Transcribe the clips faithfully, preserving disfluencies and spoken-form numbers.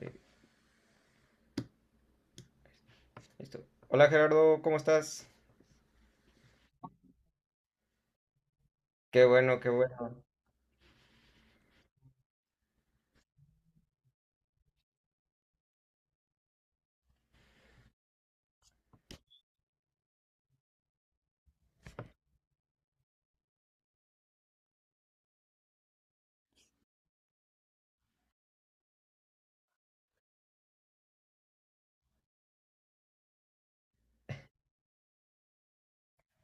Eh, listo. Hola Gerardo, ¿cómo estás? Qué bueno, qué bueno.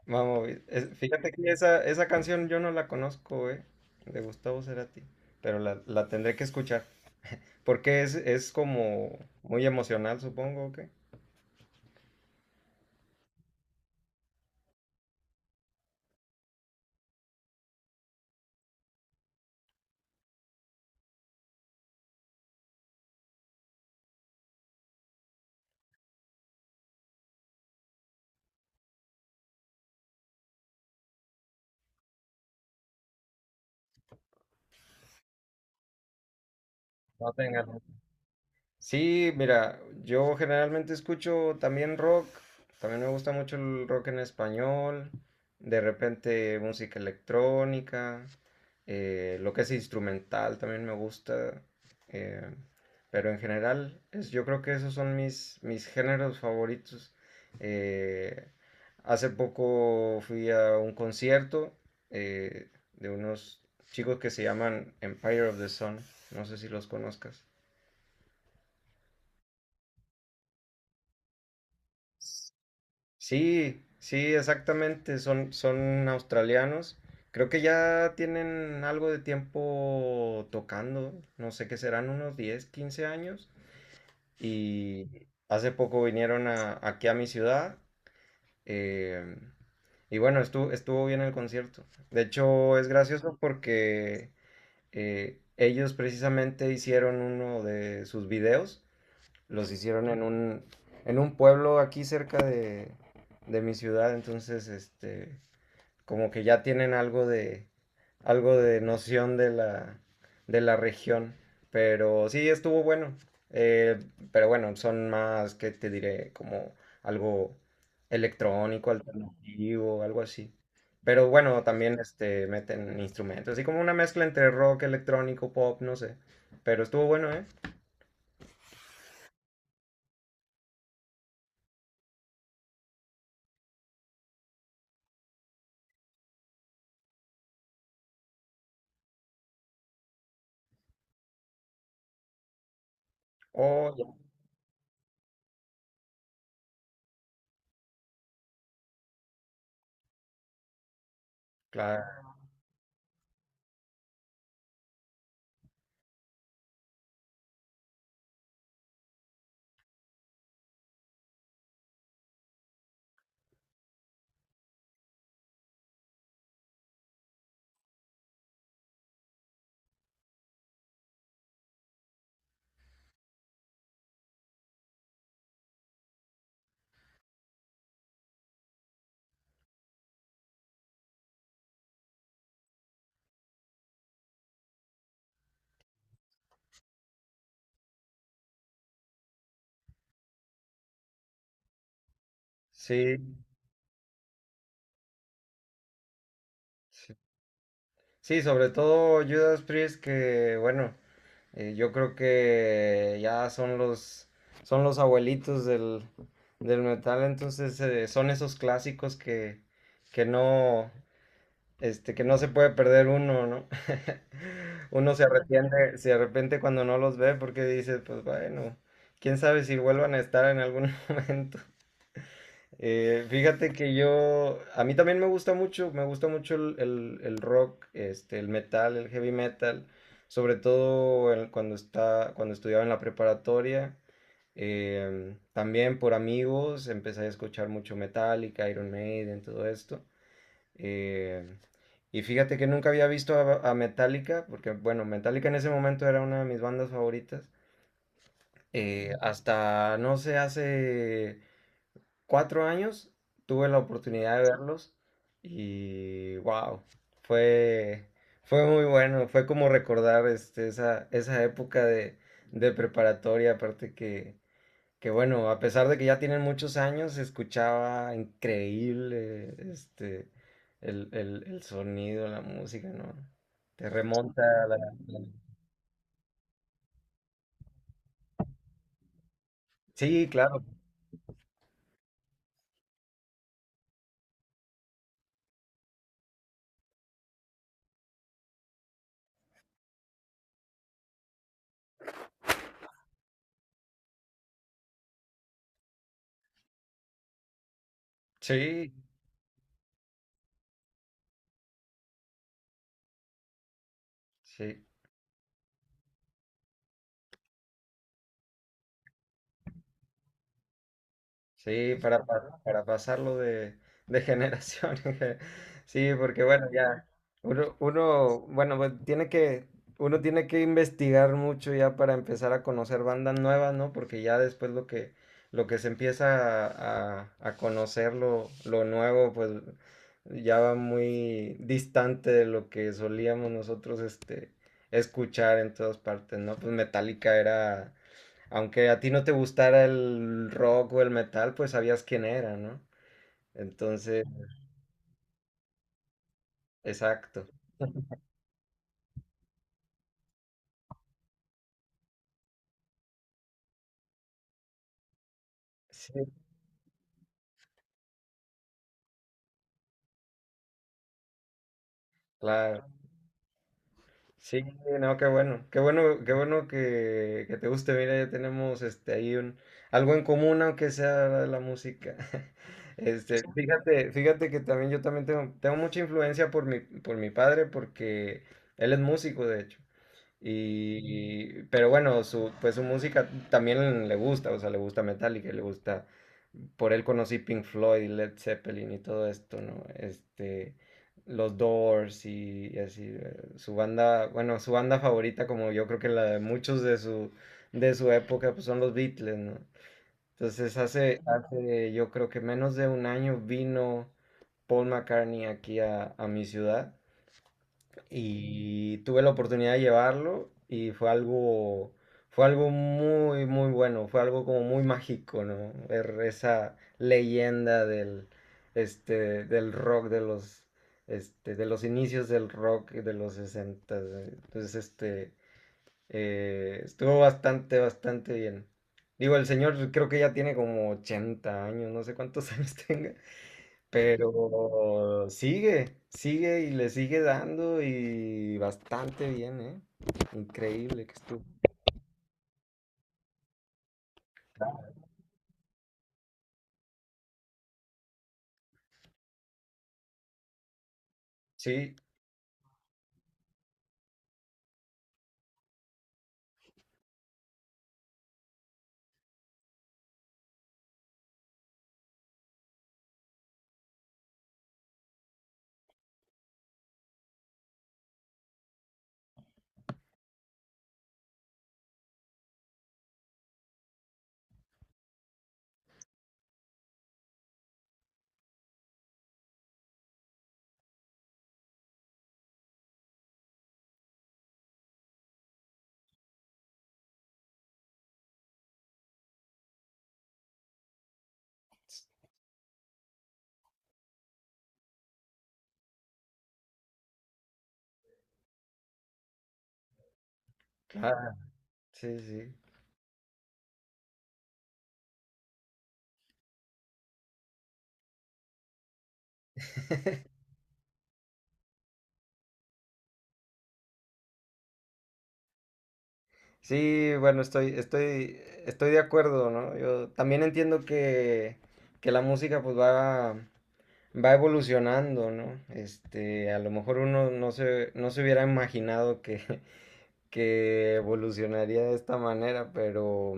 Vamos, es- fíjate que esa, esa canción yo no la conozco, eh, de Gustavo Cerati, pero la, la tendré que escuchar, porque es, es como muy emocional, supongo, que No tengas. Sí, mira, yo generalmente escucho también rock, también me gusta mucho el rock en español, de repente música electrónica, eh, lo que es instrumental también me gusta, eh, pero en general es, yo creo que esos son mis, mis géneros favoritos. Eh, hace poco fui a un concierto eh, de unos chicos que se llaman Empire of the Sun, no sé si los conozcas. Sí, sí, exactamente, son, son australianos. Creo que ya tienen algo de tiempo tocando, no sé qué serán, unos diez, quince años. Y hace poco vinieron a- aquí a mi ciudad. eh, y bueno, estuvo, estuvo bien el concierto. De hecho, es gracioso porque eh, ellos precisamente hicieron uno de sus videos. Los hicieron en un, en un pueblo aquí cerca de, de mi ciudad, entonces, este, como que ya tienen algo de, algo de noción de la, de la región. Pero sí, estuvo bueno. Eh, pero bueno, son más, ¿que te diré? Como algo electrónico, alternativo, algo así. Pero bueno, también este, meten instrumentos, así como una mezcla entre rock, electrónico, pop, no sé. Pero estuvo bueno, ¿eh? Oh, ya, claro. Sí, sí, sí, sobre todo Judas Priest, que bueno, eh, yo creo que ya son los, son los abuelitos del, del metal, entonces eh, son esos clásicos que, que no, este, que no se puede perder uno, ¿no? Uno se arrepiente, se arrepiente cuando no los ve porque dice, pues bueno, quién sabe si vuelvan a estar en algún momento. Eh, fíjate que yo, a mí también me gusta mucho, me gusta mucho el, el- el rock, este, el metal, el heavy metal, sobre todo el- cuando está, cuando estudiaba en la preparatoria. em, también por amigos empecé a escuchar mucho Metallica, Iron Maiden, todo esto. em, y fíjate que nunca había visto a, a Metallica, porque bueno, Metallica en ese momento era una de mis bandas favoritas. eh, hasta, no sé, hace cuatro años tuve la oportunidad de verlos y wow, fue, fue muy bueno, fue como recordar este, esa, esa época de, de preparatoria, aparte que, que bueno, a pesar de que ya tienen muchos años, se escuchaba increíble este, el, el, el sonido, la música, ¿no? Te remonta a la... la- sí, claro, sí, sí. Sí, para, pa- para pasarlo de, de generación. en ge- sí, porque bueno, ya uno, uno, bueno, pues tiene que, uno tiene que investigar mucho ya para empezar a conocer bandas nuevas, ¿no? Porque ya después lo que, lo que se empieza a, a, a conocer lo, lo nuevo, pues ya va muy distante de lo que solíamos nosotros, este, escuchar en todas partes, ¿no? Pues Metallica era aunque a ti no te gustara el rock o el metal, pues sabías quién era, ¿no? Entonces, exacto. Sí, claro. Sí, no, qué bueno. Qué bueno, qué bueno que, que te guste. Mira, ya tenemos este ahí un algo en común, aunque sea la música. Este, fíjate, fíjate que también yo también tengo, tengo mucha influencia por mi, por mi padre, porque él es músico, de hecho. Y, pero bueno, su, pues su música también le gusta, o sea, le gusta Metallica, le gusta, por él conocí Pink Floyd, Led Zeppelin y todo esto, ¿no? Este, los Doors y, y así, eh, su banda, bueno, su banda favorita, como yo creo que la de muchos de su, de su época, pues son los Beatles, ¿no? Entonces hace, hace yo creo que menos de un año vino Paul McCartney aquí a, a mi ciudad y tuve la oportunidad de llevarlo y fue algo, fue algo muy, muy bueno, fue algo como muy mágico, ¿no? Ver esa leyenda del, este, del rock, de los, este, de los inicios del rock de los sesenta. Entonces, este, eh, estuvo bastante, bastante bien. Digo, el señor creo que ya tiene como ochenta años, no sé cuántos años tenga, pero sigue, sigue y le sigue dando y bastante bien, ¿eh? Increíble que estuvo. Sí, claro. Sí, sí. Sí, bueno, estoy, estoy, estoy de acuerdo, ¿no? Yo también entiendo que, que la música pues va, va evolucionando, ¿no? Este, a lo mejor uno no se, no se hubiera imaginado que, que evolucionaría de esta manera, pero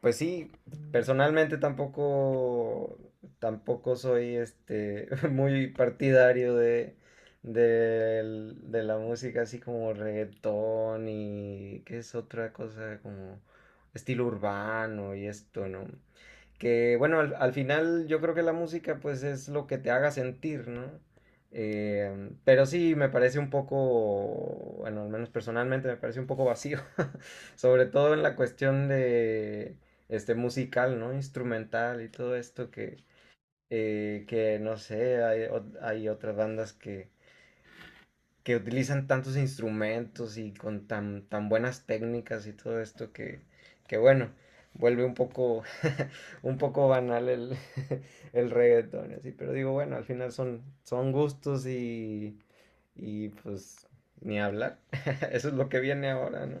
pues sí, personalmente tampoco, tampoco soy este, muy partidario de, del- de la música así como reggaetón y qué es otra cosa como estilo urbano y esto, ¿no? Que bueno, al, al final yo creo que la música pues es lo que te haga sentir, ¿no? Eh, pero sí me parece un poco, bueno, al menos personalmente me parece un poco vacío, sobre todo en la cuestión de este musical, ¿no? Instrumental y todo esto que, eh, que no sé, hay, o- hay otras bandas que, que utilizan tantos instrumentos y con tan, tan buenas técnicas y todo esto que, que bueno, vuelve un poco, un poco banal el, el reggaetón, así, pero digo, bueno, al final son, son gustos y, y pues ni hablar, eso es lo que viene ahora, ¿no?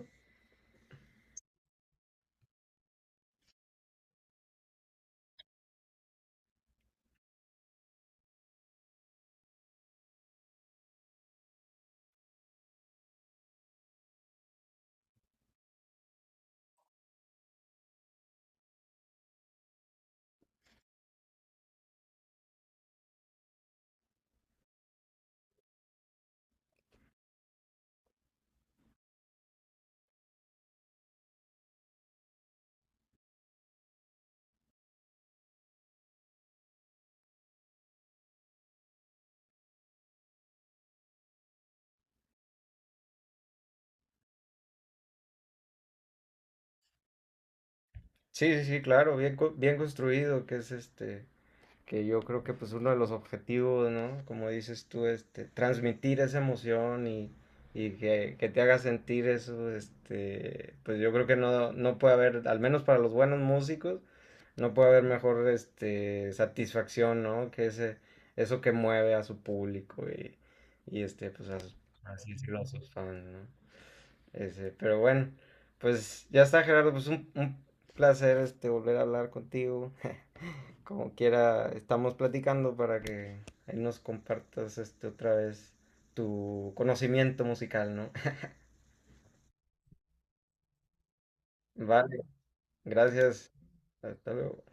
Sí, sí, sí, claro, bien, bien construido, que es este, que yo creo que pues uno de los objetivos, ¿no? Como dices tú, este, transmitir esa emoción y, y que, que te haga sentir eso, este, pues yo creo que no, no puede haber, al menos para los buenos músicos, no puede haber mejor este, satisfacción, ¿no? Que ese, eso que mueve a su público y, y este, pues a sus, así decirlo, a sus fans, ¿no? Ese, pero bueno, pues ya está Gerardo, pues un, un placer este, volver a hablar contigo. Como quiera, estamos platicando para que ahí nos compartas este otra vez tu conocimiento musical, ¿no? Vale, gracias. Hasta luego.